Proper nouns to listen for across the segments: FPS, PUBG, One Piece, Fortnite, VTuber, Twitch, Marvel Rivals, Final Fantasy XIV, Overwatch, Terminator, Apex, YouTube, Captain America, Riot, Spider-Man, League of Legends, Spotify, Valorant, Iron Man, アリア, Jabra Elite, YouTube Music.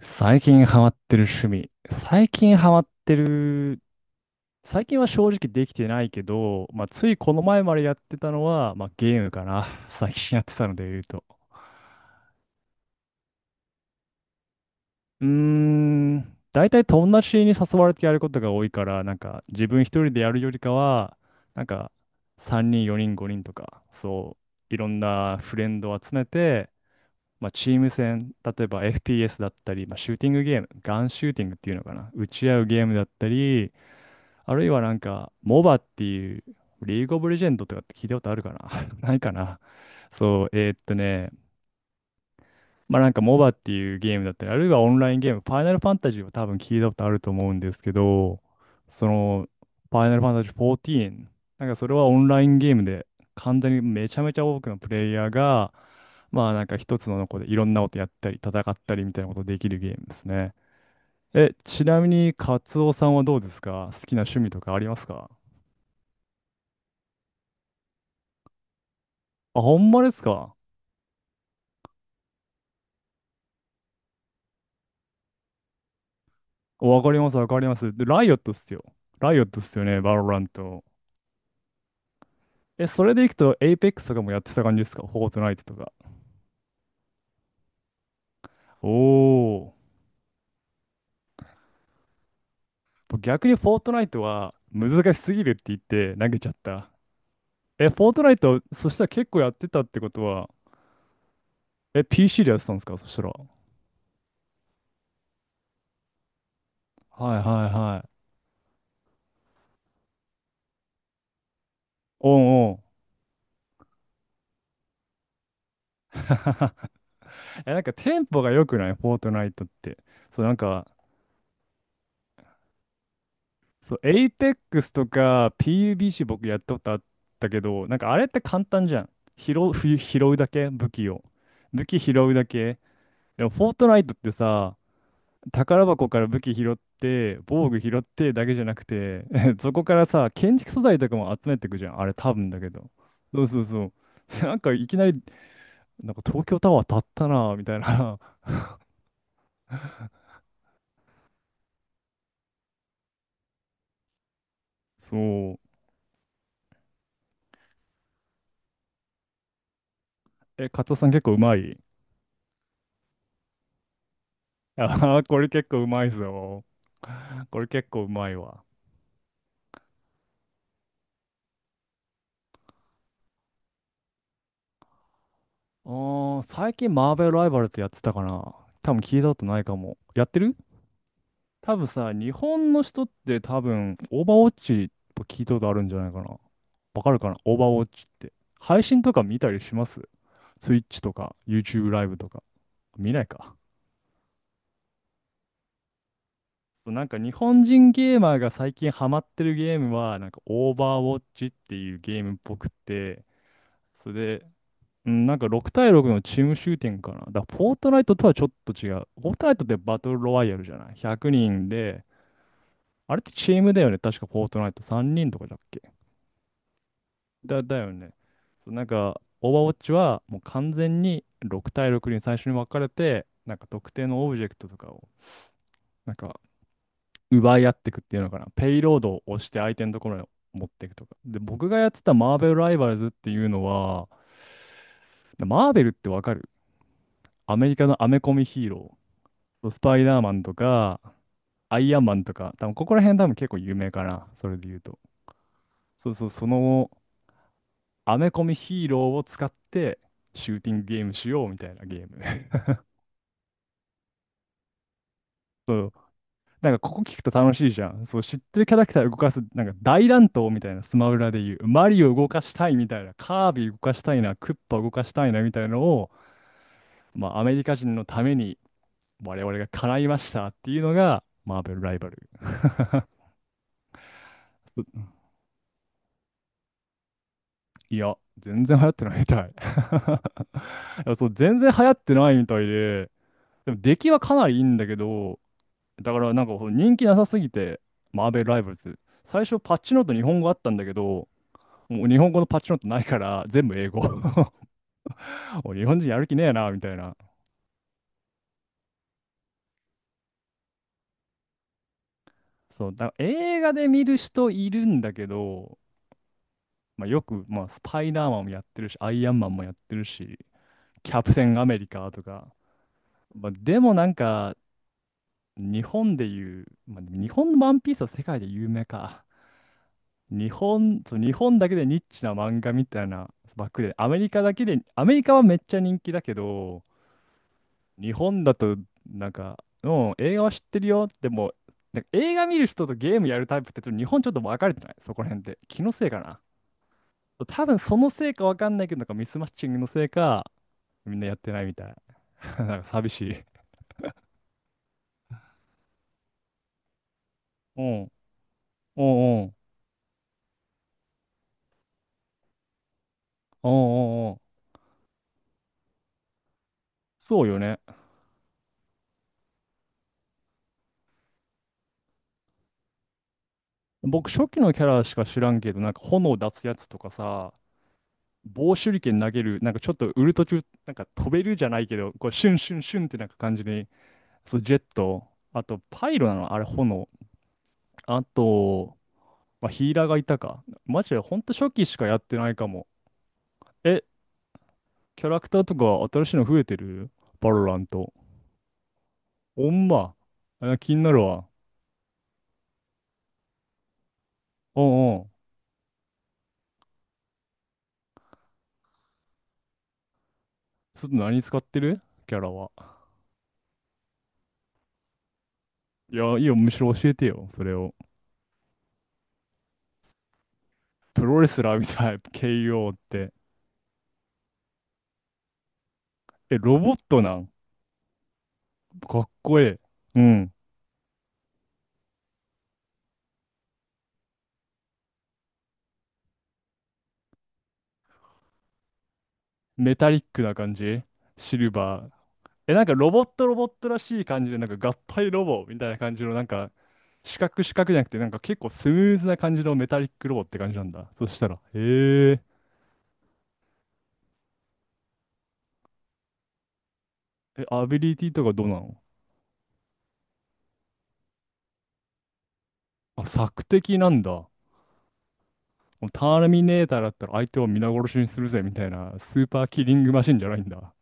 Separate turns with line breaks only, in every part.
最近ハマってる趣味。最近ハマってる、最近は正直できてないけど、まあ、ついこの前までやってたのは、まあ、ゲームかな。最近やってたので言うと。うーん、大体友達に誘われてやることが多いから、なんか自分一人でやるよりかは、なんか3人、4人、5人とか、そう、いろんなフレンドを集めて、まあ、チーム戦、例えば FPS だったり、まあ、シューティングゲーム、ガンシューティングっていうのかな、撃ち合うゲームだったり、あるいはなんか、モバっていう、リーグオブレジェンドとかって聞いたことあるかな？ ないかな？そう、まあなんかモバっていうゲームだったり、あるいはオンラインゲーム、ファイナルファンタジーは多分聞いたことあると思うんですけど、その、ファイナルファンタジー14、なんかそれはオンラインゲームで、完全にめちゃめちゃ多くのプレイヤーが、まあなんか一つの子でいろんなことやったり、戦ったりみたいなことできるゲームですね。え、ちなみに、カツオさんはどうですか？好きな趣味とかありますか？あ、ほんまですか？わかります、わかります。で、ライオットっすよ。ライオットっすよね、バロラント。え、それでいくと、エイペックスとかもやってた感じですか？フォートナイトとか。おー。僕逆にフォートナイトは難しすぎるって言って投げちゃった。え、フォートナイト、そしたら結構やってたってことは、え、PC でやってたんですかそしたら。はいはいはい。おんおん。え、なんかテンポが良くないフォートナイトって。そう、なんか、そう、エイペックスとか PUBC 僕やったことあったけど、なんかあれって簡単じゃん。拾う、拾うだけ武器を。武器拾うだけ。でも、フォートナイトってさ、宝箱から武器拾って、防具拾ってだけじゃなくて、そこからさ、建築素材とかも集めてくじゃん。あれ多分だけど。そうそうそう。なんかいきなり、なんか東京タワー建ったなみたいな。そう。え、加藤さん結構うまい？あー、これ結構うまいぞ。これ結構うまいわ。あー、最近マーベルライバルズやってたかな。多分聞いたことないかも。やってる？多分さ、日本の人って多分、オーバーウォッチ聞いたことあるんじゃないかな。わかるかなオーバーウォッチって。配信とか見たりします？ Twitch とか YouTube ライブとか。見ないか。そうなんか日本人ゲーマーが最近ハマってるゲームは、なんかオーバーウォッチっていうゲームっぽくって、それでうん、なんか6対6のチームシューティングかな。だからフォートナイトとはちょっと違う。フォートナイトってバトルロワイヤルじゃない？ 100 人で、あれってチームだよね。確かフォートナイト3人とかだっけ？だ、だよね。そうなんか、オーバーウォッチはもう完全に6対6に最初に分かれて、なんか特定のオブジェクトとかを、なんか奪い合っていくっていうのかな。ペイロードを押して相手のところに持っていくとか。で、僕がやってたマーベルライバルズっていうのは、マーベルってわかる？アメリカのアメコミヒーロー。そうスパイダーマンとか、アイアンマンとか、多分ここら辺多分結構有名かな、それで言うと。そうそう、そのアメコミヒーローを使ってシューティングゲームしようみたいなゲーム。そう、なんかここ聞くと楽しいじゃん。そう、知ってるキャラクター動かす、なんか大乱闘みたいな、スマブラで言う。マリオ動かしたいみたいな、カービィ動かしたいな、クッパ動かしたいなみたいなのを、まあアメリカ人のために我々が叶いましたっていうのがマーベルライバル。いや、全然流行ってないみたい。いやそう、全然流行ってないみたいで、でも出来はかなりいいんだけど、だからなんかこう人気なさすぎて、マーベルライバルズ。最初パッチノート日本語あったんだけど、もう日本語のパッチノートないから全部英語。もう日本人やる気ねえな、みたいな。そう、だから映画で見る人いるんだけど、まあ、よく、まあ、スパイダーマンもやってるし、アイアンマンもやってるし、キャプテンアメリカとか。まあ、でもなんか日本でいう、まあ、でも日本のワンピースは世界で有名か。日本、そう、日本だけでニッチな漫画みたいな枠で、アメリカだけで、アメリカはめっちゃ人気だけど、日本だと、なんか、うん、映画は知ってるよ。でも、なんか映画見る人とゲームやるタイプって、ちょっと日本ちょっと分かれてない？そこら辺で。気のせいかな。多分そのせいか分かんないけど、なんかミスマッチングのせいか、みんなやってないみたい。なんか寂しい。うん。うんうん。うんうんうん。そうよね。僕、初期のキャラしか知らんけど、なんか炎出すやつとかさ、棒手裏剣投げる、なんかちょっとウルト中、なんか飛べるじゃないけど、こうシュンシュンシュンってなんか感じに、そう、ジェット、あとパイロなの、あれ炎。あと、まあ、ヒーラーがいたか。マジでほんと初期しかやってないかも。え、キャラクターとか新しいの増えてる？バロラント。ほんま？あ、気になるわ。うんうん。ちょっと何使ってる？キャラは。いや、いいよ、むしろ教えてよ、それを。プロレスラーみたい、KO って。え、ロボットなん？かっこいい。うん。メタリックな感じ？シルバー。え、なんかロボットロボットらしい感じで、なんか合体ロボみたいな感じの、なんか、四角四角じゃなくて、なんか結構スムーズな感じのメタリックロボって感じなんだ。そしたら、へえ。え、アビリティとかどうなの？あ、索敵なんだ。もうターミネーターだったら相手を皆殺しにするぜみたいなスーパーキリングマシンじゃないんだ。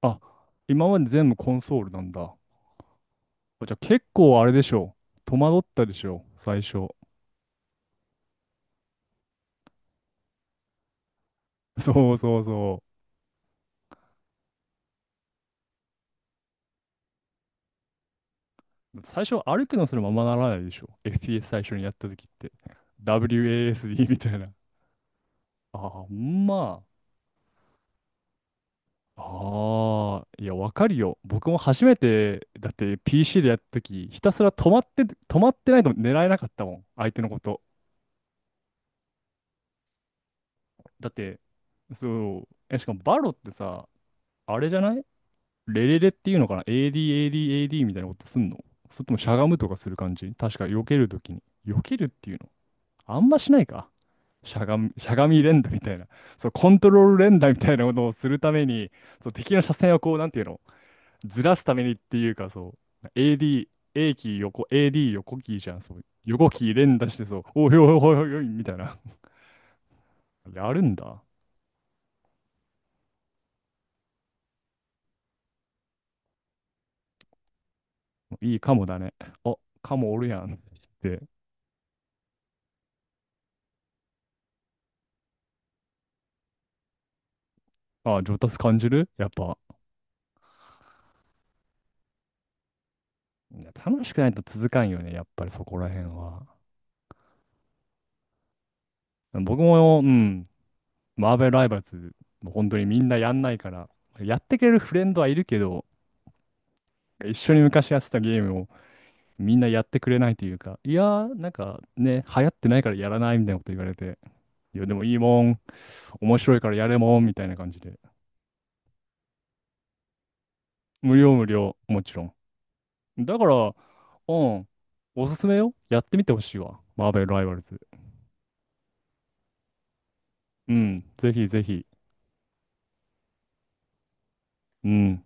あ、今まで全部コンソールなんだ。じゃあ結構あれでしょう。戸惑ったでしょう。最初。そうそうそう。最初歩くのすらままならないでしょ。FPS 最初にやった時って。WASD みたいな。ああ、まあ。ああ、いや、わかるよ。僕も初めて、だって PC でやった時、ひたすら止まって、止まってないと狙えなかったもん。相手のこと。だって、そう。え、しかもバロってさ、あれじゃない？レレレっていうのかな？ ADADAD みたいなことすんの？それともしゃがむとかする感じ確か避けるときに。避けるっていうの、あんましないか。しゃがみ、しゃがみ連打みたいな。そう、コントロール連打みたいなことをするために、そう、敵の車線をこう、なんていうの、ずらすためにっていうか、そう、AD、A キー横、AD 横キーじゃん。そう、横キー連打して、そう、おいおいおいおいおい、みたいな。やるんだ。いいかもだね。あ、カモおるやん。って、あ、上達感じるやっぱ？いや楽しくないと続かんよね、やっぱりそこら辺は。僕も、うん、マーベルライバルズ、もう本当にみんなやんないから、やってくれるフレンドはいるけど、一緒に昔やってたゲームをみんなやってくれないというか、いやー、なんかね、流行ってないからやらないみたいなこと言われて、いや、でもいいもん、面白いからやれもん、みたいな感じで。無料無料、もちろん。だから、うん、おすすめよ。やってみてほしいわ。マーベルライバルズ。うん、ぜひぜひ。うん。